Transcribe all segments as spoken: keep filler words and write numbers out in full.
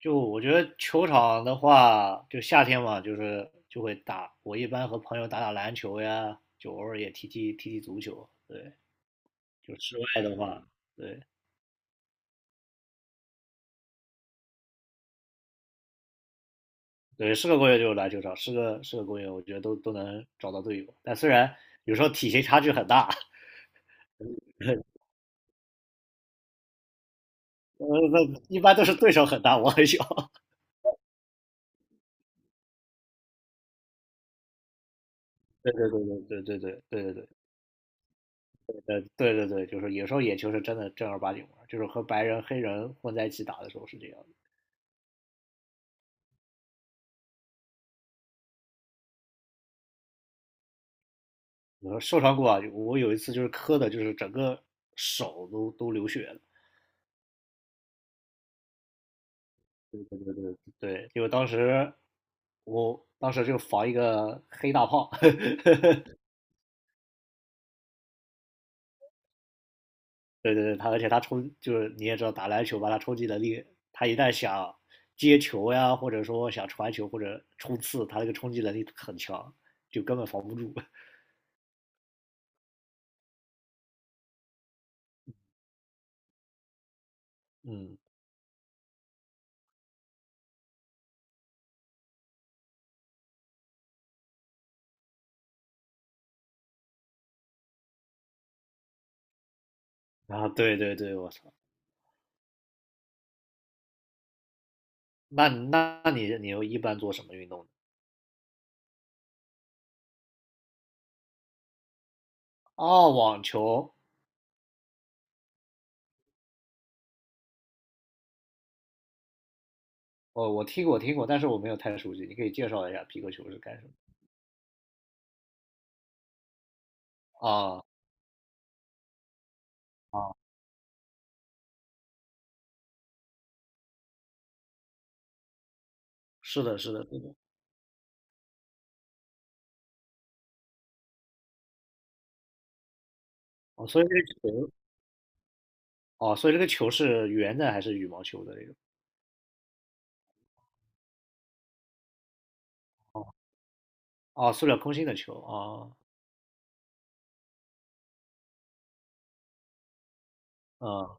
就我觉得球场的话，就夏天嘛，就是就会打。我一般和朋友打打篮球呀，就偶尔也踢踢踢踢足球。对，就室外的话，对对，是个公园就有篮球场，是个是个公园，我觉得都都能找到队友。但虽然有时候体型差距很大。呃，那一般都是对手很大，我很小。对对对对对对对对对。呃，对对对，就是有时候野球是真的正儿八经玩儿，就是和白人黑人混在一起打的时候是这样。我受伤过啊，我有一次就是磕的，就是整个手都都流血了。对，因为当时我当时就防一个黑大炮。呵呵。对对对，他而且他冲，就是你也知道打篮球吧，他冲击能力，他一旦想接球呀，或者说想传球或者冲刺，他那个冲击能力很强，就根本防不住。嗯。啊，对对对，我操。那那你你又一般做什么运动呢？哦，网球。哦，我听过听过，但是我没有太熟悉，你可以介绍一下皮克球是干什么的？啊。啊，是的，是的，是的。哦，所以这个球，哦，所以这个球是圆的还是羽毛球的那种？哦哦，塑料空心的球。哦，嗯，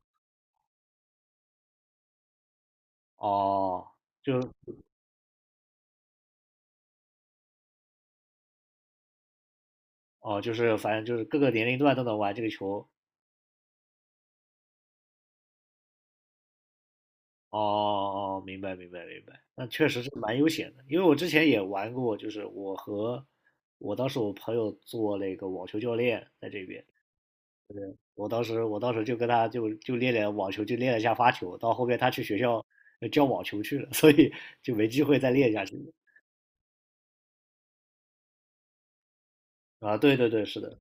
哦，就哦，就是反正就是各个年龄段都能玩这个球。哦哦，哦，明白明白明白，那确实是蛮悠闲的，因为我之前也玩过，就是我和我当时我朋友做那个网球教练在这边，我当时我当时就跟他就就练练网球，就练了一下发球，到后面他去学校呃教网球去了。所以就没机会再练下去了。啊，对对对，是的，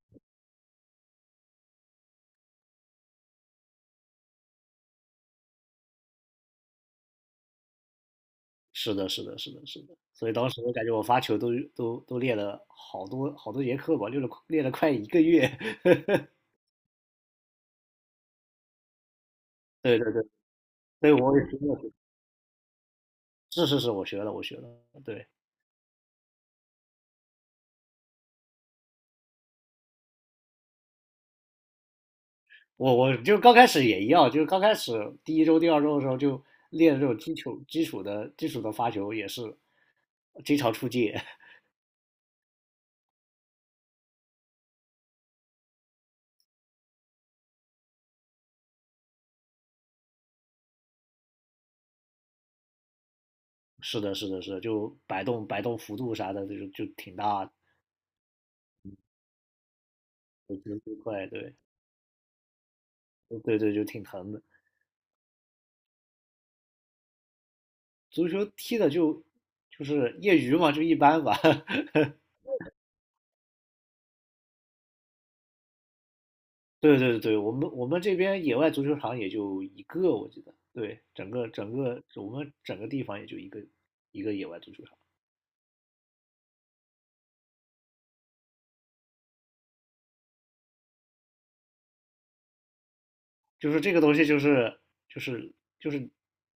是的，是的，是的，是的。所以当时我感觉我发球都都都练了好多好多节课吧，练了练了快一个月。对对对，所以我也学了，是是是，我学了，我学了。对，我我就刚开始也一样，就是刚开始第一周、第二周的时候就练这种基础基础的基础的发球，也是经常出界。是的，是的，是的，就摆动摆动幅度啥的，就就挺大的，就节奏快，对，对对，就挺疼的。足球踢的就就是业余嘛，就一般吧。对对对，我们我们这边野外足球场也就一个，我记得。对，整个整个我们整个地方也就一个一个野外足球场。就是这个东西就是就是就是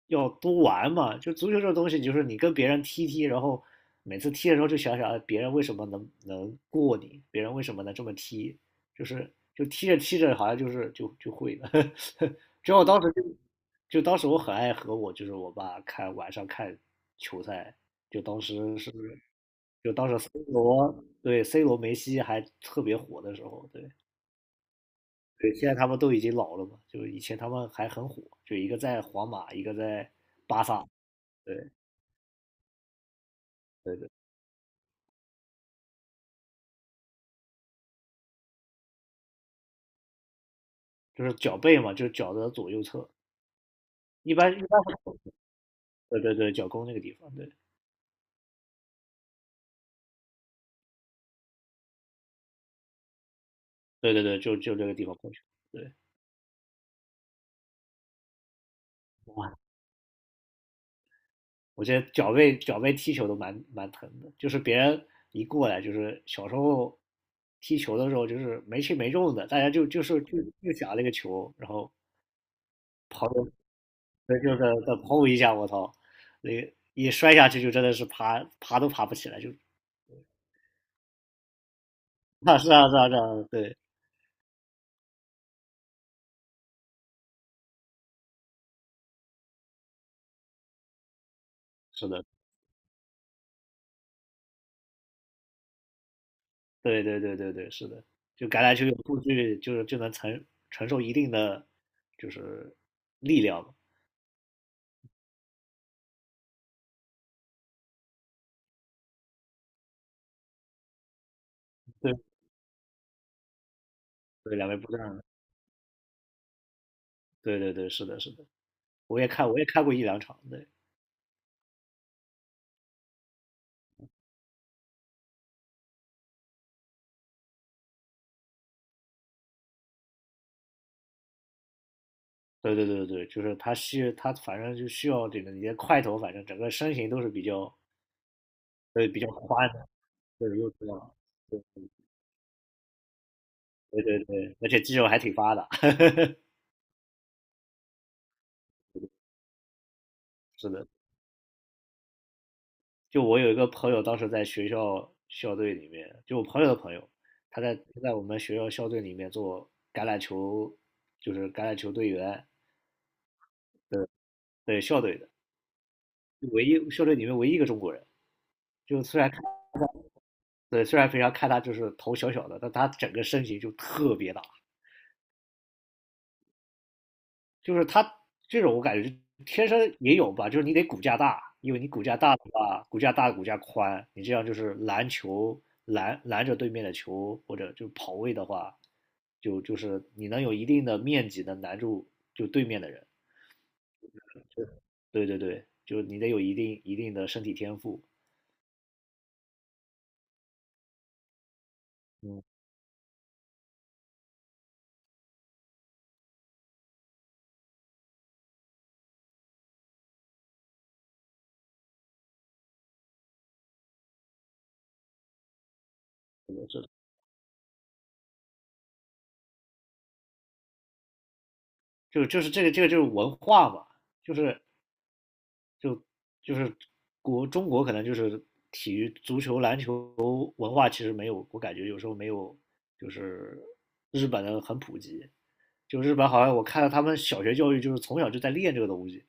要多玩嘛。就足球这个东西，就是你跟别人踢踢，然后每次踢的时候就想想，哎，别人为什么能能过你，别人为什么能这么踢，就是就踢着踢着好像就是就就会了。只要我当时就就当时我很爱和我就是我爸看晚上看球赛，就当时是 C 罗对 C 罗梅西还特别火的时候，对。对，现在他们都已经老了嘛，就以前他们还很火，就一个在皇马，一个在巴萨，对对对，就是脚背嘛，就是脚的左右侧，一般一般会，对对对，脚弓那个地方，对对对对，就就这个地方碰球，对。哇，我觉得脚背脚背踢球都蛮蛮疼的，就是别人一过来，就是小时候踢球的时候就是没轻没重的，大家就就是就就想那个球，然后对，就是再砰一下，我操，那一摔下去就真的是爬爬都爬不起来，就啊是啊是啊是啊，对，是的，对对对对对，是的，就橄榄球有数据，就是就能承承受一定的就是力量嘛，对对，两倍不断的，对对对，是的是的，我也看我也看过一两场，对，对对对对，就是他需他反正就需要这个你的块头，反正整个身形都是比较，对，比较宽的，对又这样，对对对对，而且肌肉还挺发达。是的。就我有一个朋友，当时在学校校队里面，就我朋友的朋友，他在他在我们学校校队里面做橄榄球，就是橄榄球队员，对，对校队的，就唯一校队里面唯一一个中国人。就虽然看，对，虽然平常看他就是头小小的，但他整个身形就特别大，就是他这种我感觉天生也有吧，就是你得骨架大，因为你骨架大的话，骨架大骨架宽，你这样就是拦球拦拦着对面的球，或者就跑位的话，就就是你能有一定的面积能拦住就对面的人。对对对，就是你得有一定一定的身体天赋，嗯。就就是这个这个就是文化嘛，就是就就是国中国可能就是体育、足球、篮球文化其实没有，我感觉有时候没有就是日本的很普及。就日本好像我看到他们小学教育就是从小就在练这个东西，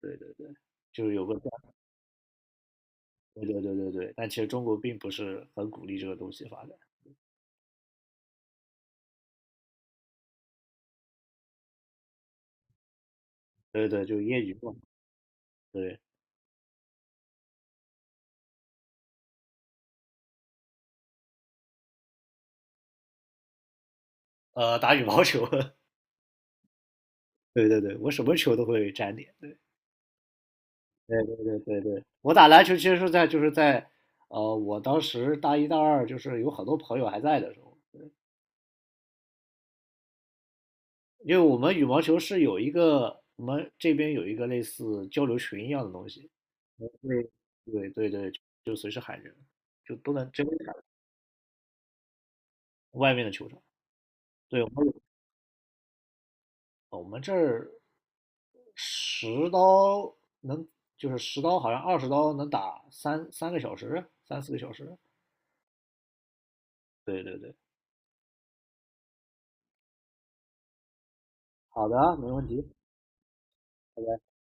对对，就是有个，对对对对对。但其实中国并不是很鼓励这个东西发展，对对，就业余嘛，对，呃，打羽毛球。对对对，我什么球都会沾点，对。对对对对对，我打篮球其实是在就是在，呃，我当时大一大二就是有很多朋友还在的时候，因为我们羽毛球是有一个，我们这边有一个类似交流群一样的东西，嗯对对对对，就随时喊人，就都能真的喊外面的球场，对，我们我们这儿十刀能就是十刀好像二十刀能打三三个小时三四个小时，对对对，好的啊，没问题。拜拜。